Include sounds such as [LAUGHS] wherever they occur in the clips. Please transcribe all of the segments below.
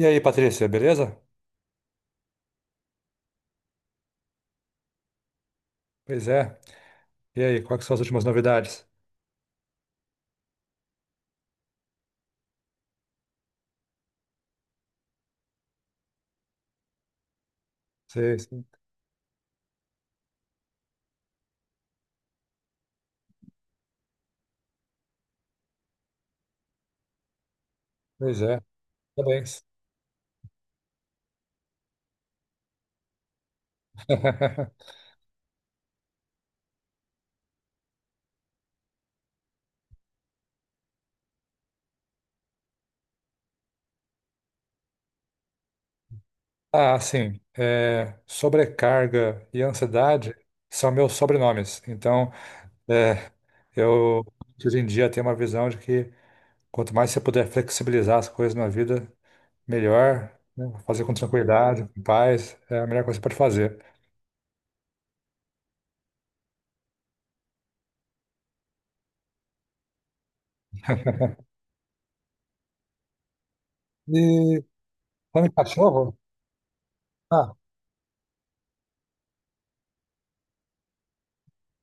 E aí, Patrícia, beleza? Pois é. E aí, quais que são as últimas novidades? Sei, sim. Pois é. Parabéns. [LAUGHS] Ah, sim. É, sobrecarga e ansiedade são meus sobrenomes. Então, é, eu hoje em dia tenho uma visão de que quanto mais você puder flexibilizar as coisas na vida, melhor, né? Fazer com tranquilidade, com paz, é a melhor coisa que você pode fazer. E falando em cachorro? Ah,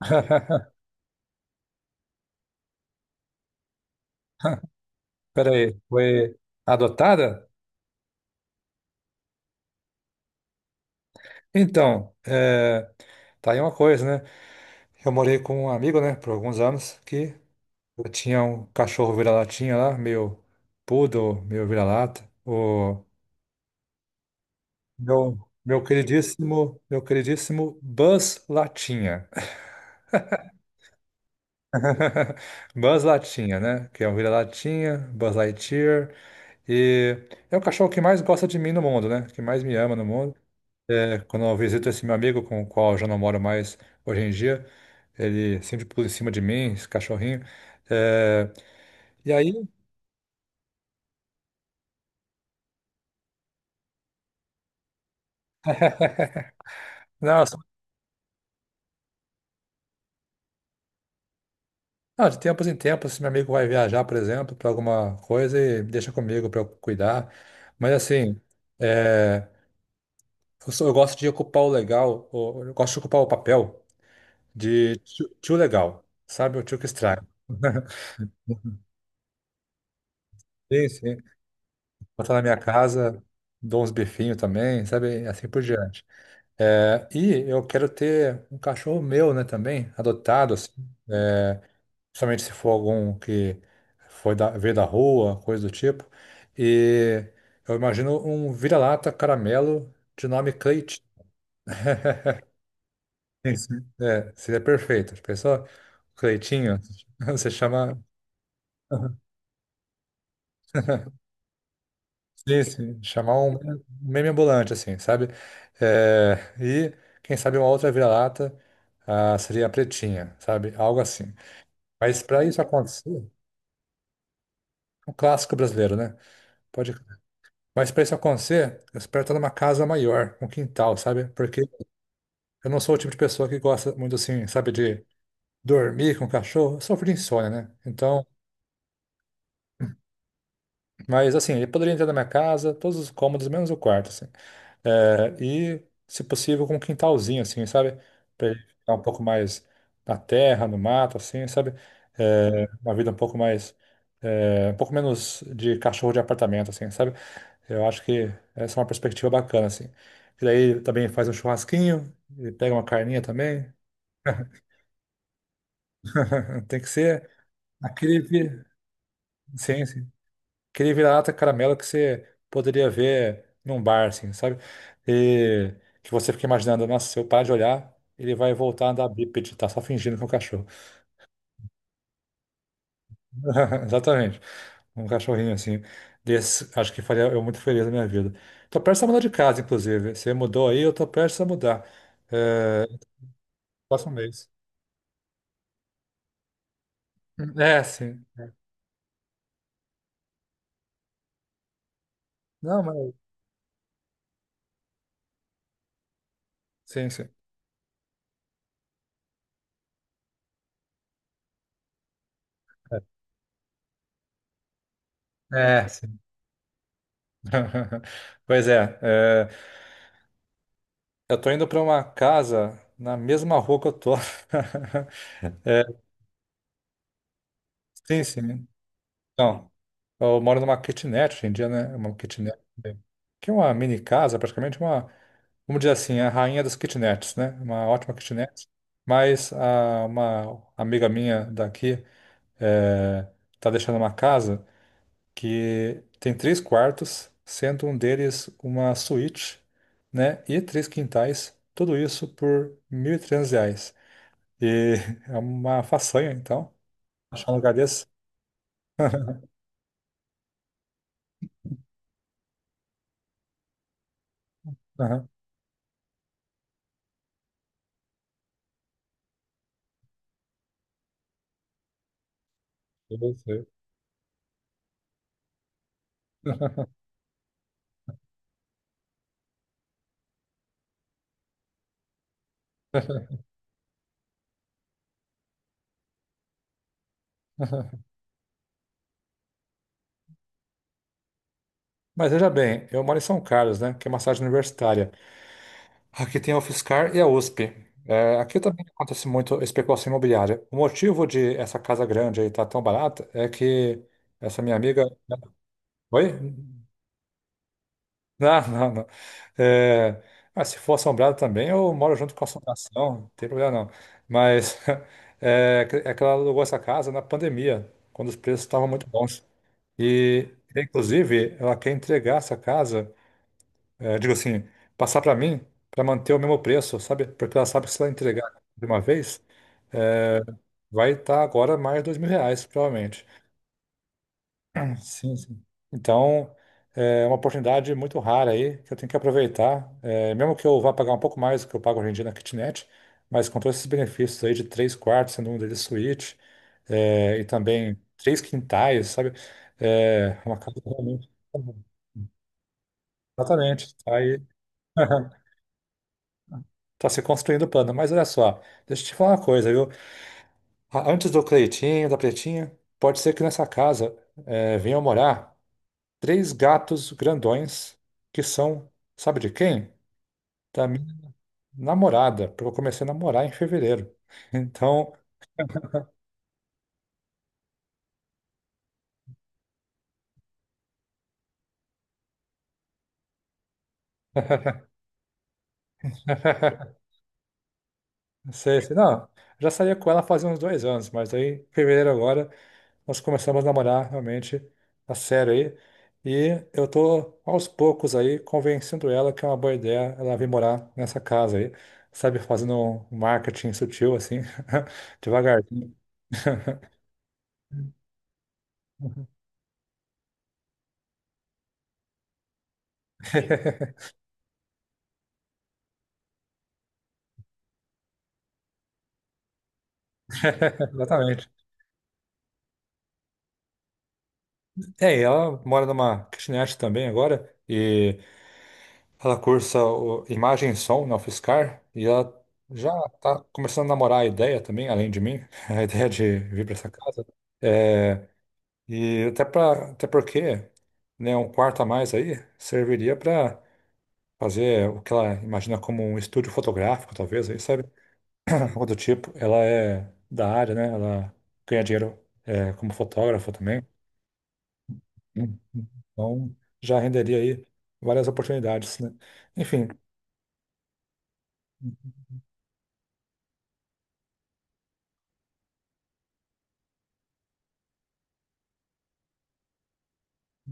[LAUGHS] peraí, foi adotada? Então, é, tá aí uma coisa, né? Eu morei com um amigo, né, por alguns anos, que eu tinha um cachorro vira-latinha lá, meio poodle, meio vira-lata. O meu, meu queridíssimo, meu queridíssimo Buzz Latinha. [LAUGHS] Buzz Latinha, né? Que é um vira-latinha, Buzz Lightyear. E é o cachorro que mais gosta de mim no mundo, né? Que mais me ama no mundo. É, quando eu visito esse meu amigo com o qual eu já não moro mais hoje em dia, ele sempre pula em cima de mim, esse cachorrinho. É, e aí, nossa, ah, de tempos em tempos, esse meu amigo vai viajar, por exemplo, para alguma coisa e deixa comigo para eu cuidar. Mas assim, é, eu gosto de ocupar o legal, o- eu gosto de ocupar o papel de tio, tio legal, sabe? O tio que estraga. [LAUGHS] Sim, sim. Botar na minha casa, dou uns bifinhos também, sabe? Assim por diante. É, e eu quero ter um cachorro meu, né, também, adotado, assim, é, principalmente se for algum que veio da rua, coisa do tipo. E eu imagino um vira-lata caramelo de nome Cleitinho. Sim, sim. É, seria perfeito. Já pensou? Cleitinho, [LAUGHS] você chama. [LAUGHS] Sim, sim, chamar um meme ambulante, assim, sabe? É, e quem sabe uma outra vira-lata, ah, seria a Pretinha, sabe? Algo assim. Mas para isso acontecer, é um clássico brasileiro, né? Pode. Mas para isso acontecer, eu espero estar numa casa maior, um quintal, sabe? Porque eu não sou o tipo de pessoa que gosta muito assim, sabe, de dormir com o cachorro. Eu sofro de insônia, né? Então, mas assim, ele poderia entrar na minha casa, todos os cômodos, menos o quarto, assim. É, e, se possível, com um quintalzinho, assim, sabe? Para ele ficar um pouco mais na terra, no mato, assim, sabe? É, uma vida um pouco mais, é, um pouco menos de cachorro de apartamento, assim, sabe? Eu acho que essa é uma perspectiva bacana, assim. E daí também faz um churrasquinho, e pega uma carninha também. [LAUGHS] Tem que ser aquele, sim, sim. Aquele vira-lata caramelo que você poderia ver num bar, assim, sabe? E que você fica imaginando, nossa, se eu parar de olhar, ele vai voltar a andar bípede, tá só fingindo que é um cachorro. [LAUGHS] Exatamente. Um cachorrinho, assim. Desse, acho que faria eu muito feliz na minha vida. Tô prestes a mudar de casa, inclusive. Você mudou aí, eu tô prestes a mudar. É, próximo mês. É, sim. Não, mas. Sim, sim. É, sim. [LAUGHS] Pois é, eu tô indo para uma casa na mesma rua que eu tô. [LAUGHS] É, sim, sim. Então, eu moro numa kitnet hoje em dia, né? Uma kitnet. Que é uma mini casa, praticamente uma. Vamos dizer assim, a rainha das kitnets, né? Uma ótima kitnet. Mas uma amiga minha daqui, é, tá deixando uma casa que tem três quartos, sendo um deles uma suíte, né? E três quintais, tudo isso por R$ 1.300. E [LAUGHS] é uma façanha, então, achar um lugar desse. Aham, eu sei. [LAUGHS] Mas veja bem, eu moro em São Carlos, né? Que é uma cidade universitária. Aqui tem a UFSCar e a USP. É, aqui também acontece muito especulação imobiliária. O motivo de essa casa grande aí estar tão barata é que essa minha amiga, né. Oi? [LAUGHS] Não, não, não. É, ah, se for assombrado também, eu moro junto com a assombração, não tem problema não. Mas [LAUGHS] é, é que ela alugou essa casa na pandemia, quando os preços estavam muito bons. E, inclusive, ela quer entregar essa casa, é, digo assim, passar para mim, para manter o mesmo preço, sabe? Porque ela sabe que se ela entregar de uma vez, é, vai estar agora mais R$ 2.000, provavelmente. Sim, sim. Então, é uma oportunidade muito rara aí, que eu tenho que aproveitar. É, mesmo que eu vá pagar um pouco mais do que eu pago hoje em dia na kitnet, mas com todos esses benefícios aí de três quartos, sendo um deles suíte, é, e também três quintais, sabe? É uma casa realmente. [LAUGHS] Exatamente. Tá aí, [LAUGHS] tá se construindo o plano. Mas olha só, deixa eu te falar uma coisa, viu? Antes do Cleitinho, da Pretinha, pode ser que nessa casa, é, venham morar três gatos grandões que são, sabe de quem? Da minha namorada, porque eu comecei a namorar em fevereiro. [LAUGHS] Então, [LAUGHS] sei, sei, se não, já saía com ela fazia uns 2 anos, mas aí, em fevereiro agora, nós começamos a namorar realmente a sério aí. E eu tô aos poucos aí convencendo ela que é uma boa ideia ela vir morar nessa casa aí, sabe, fazendo um marketing sutil assim, [LAUGHS] devagarzinho. [LAUGHS] Exatamente. É, e ela mora numa kitnet também agora e ela cursa imagem e som na UFSCar e ela já tá começando a namorar a ideia também, além de mim, [LAUGHS] a ideia de vir para essa casa. É, e até porque, né, um quarto a mais aí serviria para fazer o que ela imagina como um estúdio fotográfico, talvez, aí, sabe? Ah, algo do tipo. Ela é da área, né? Ela ganha dinheiro, é, como fotógrafa também. Uhum. Então, já renderia aí várias oportunidades, né? Enfim,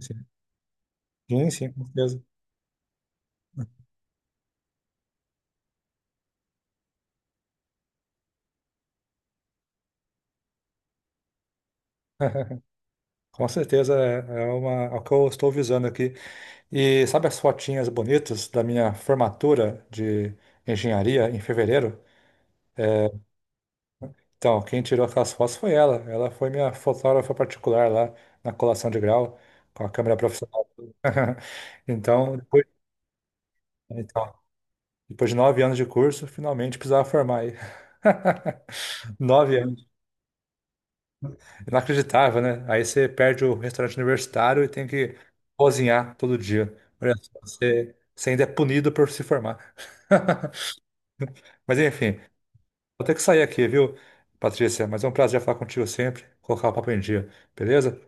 sim, sim, sim, com certeza. [LAUGHS] Com certeza é uma, é o que eu estou visando aqui. E sabe as fotinhas bonitas da minha formatura de engenharia em fevereiro? Então, quem tirou aquelas fotos foi ela. Ela foi minha fotógrafa particular lá na colação de grau, com a câmera profissional. [LAUGHS] Então, depois, então, depois de 9 anos de curso, finalmente precisava formar aí. [LAUGHS] Nove Inacreditável, né? Aí você perde o restaurante universitário e tem que cozinhar todo dia. Olha só, você ainda é punido por se formar. [LAUGHS] Mas enfim, vou ter que sair aqui, viu, Patrícia? Mas é um prazer falar contigo sempre, colocar o papo em dia, beleza?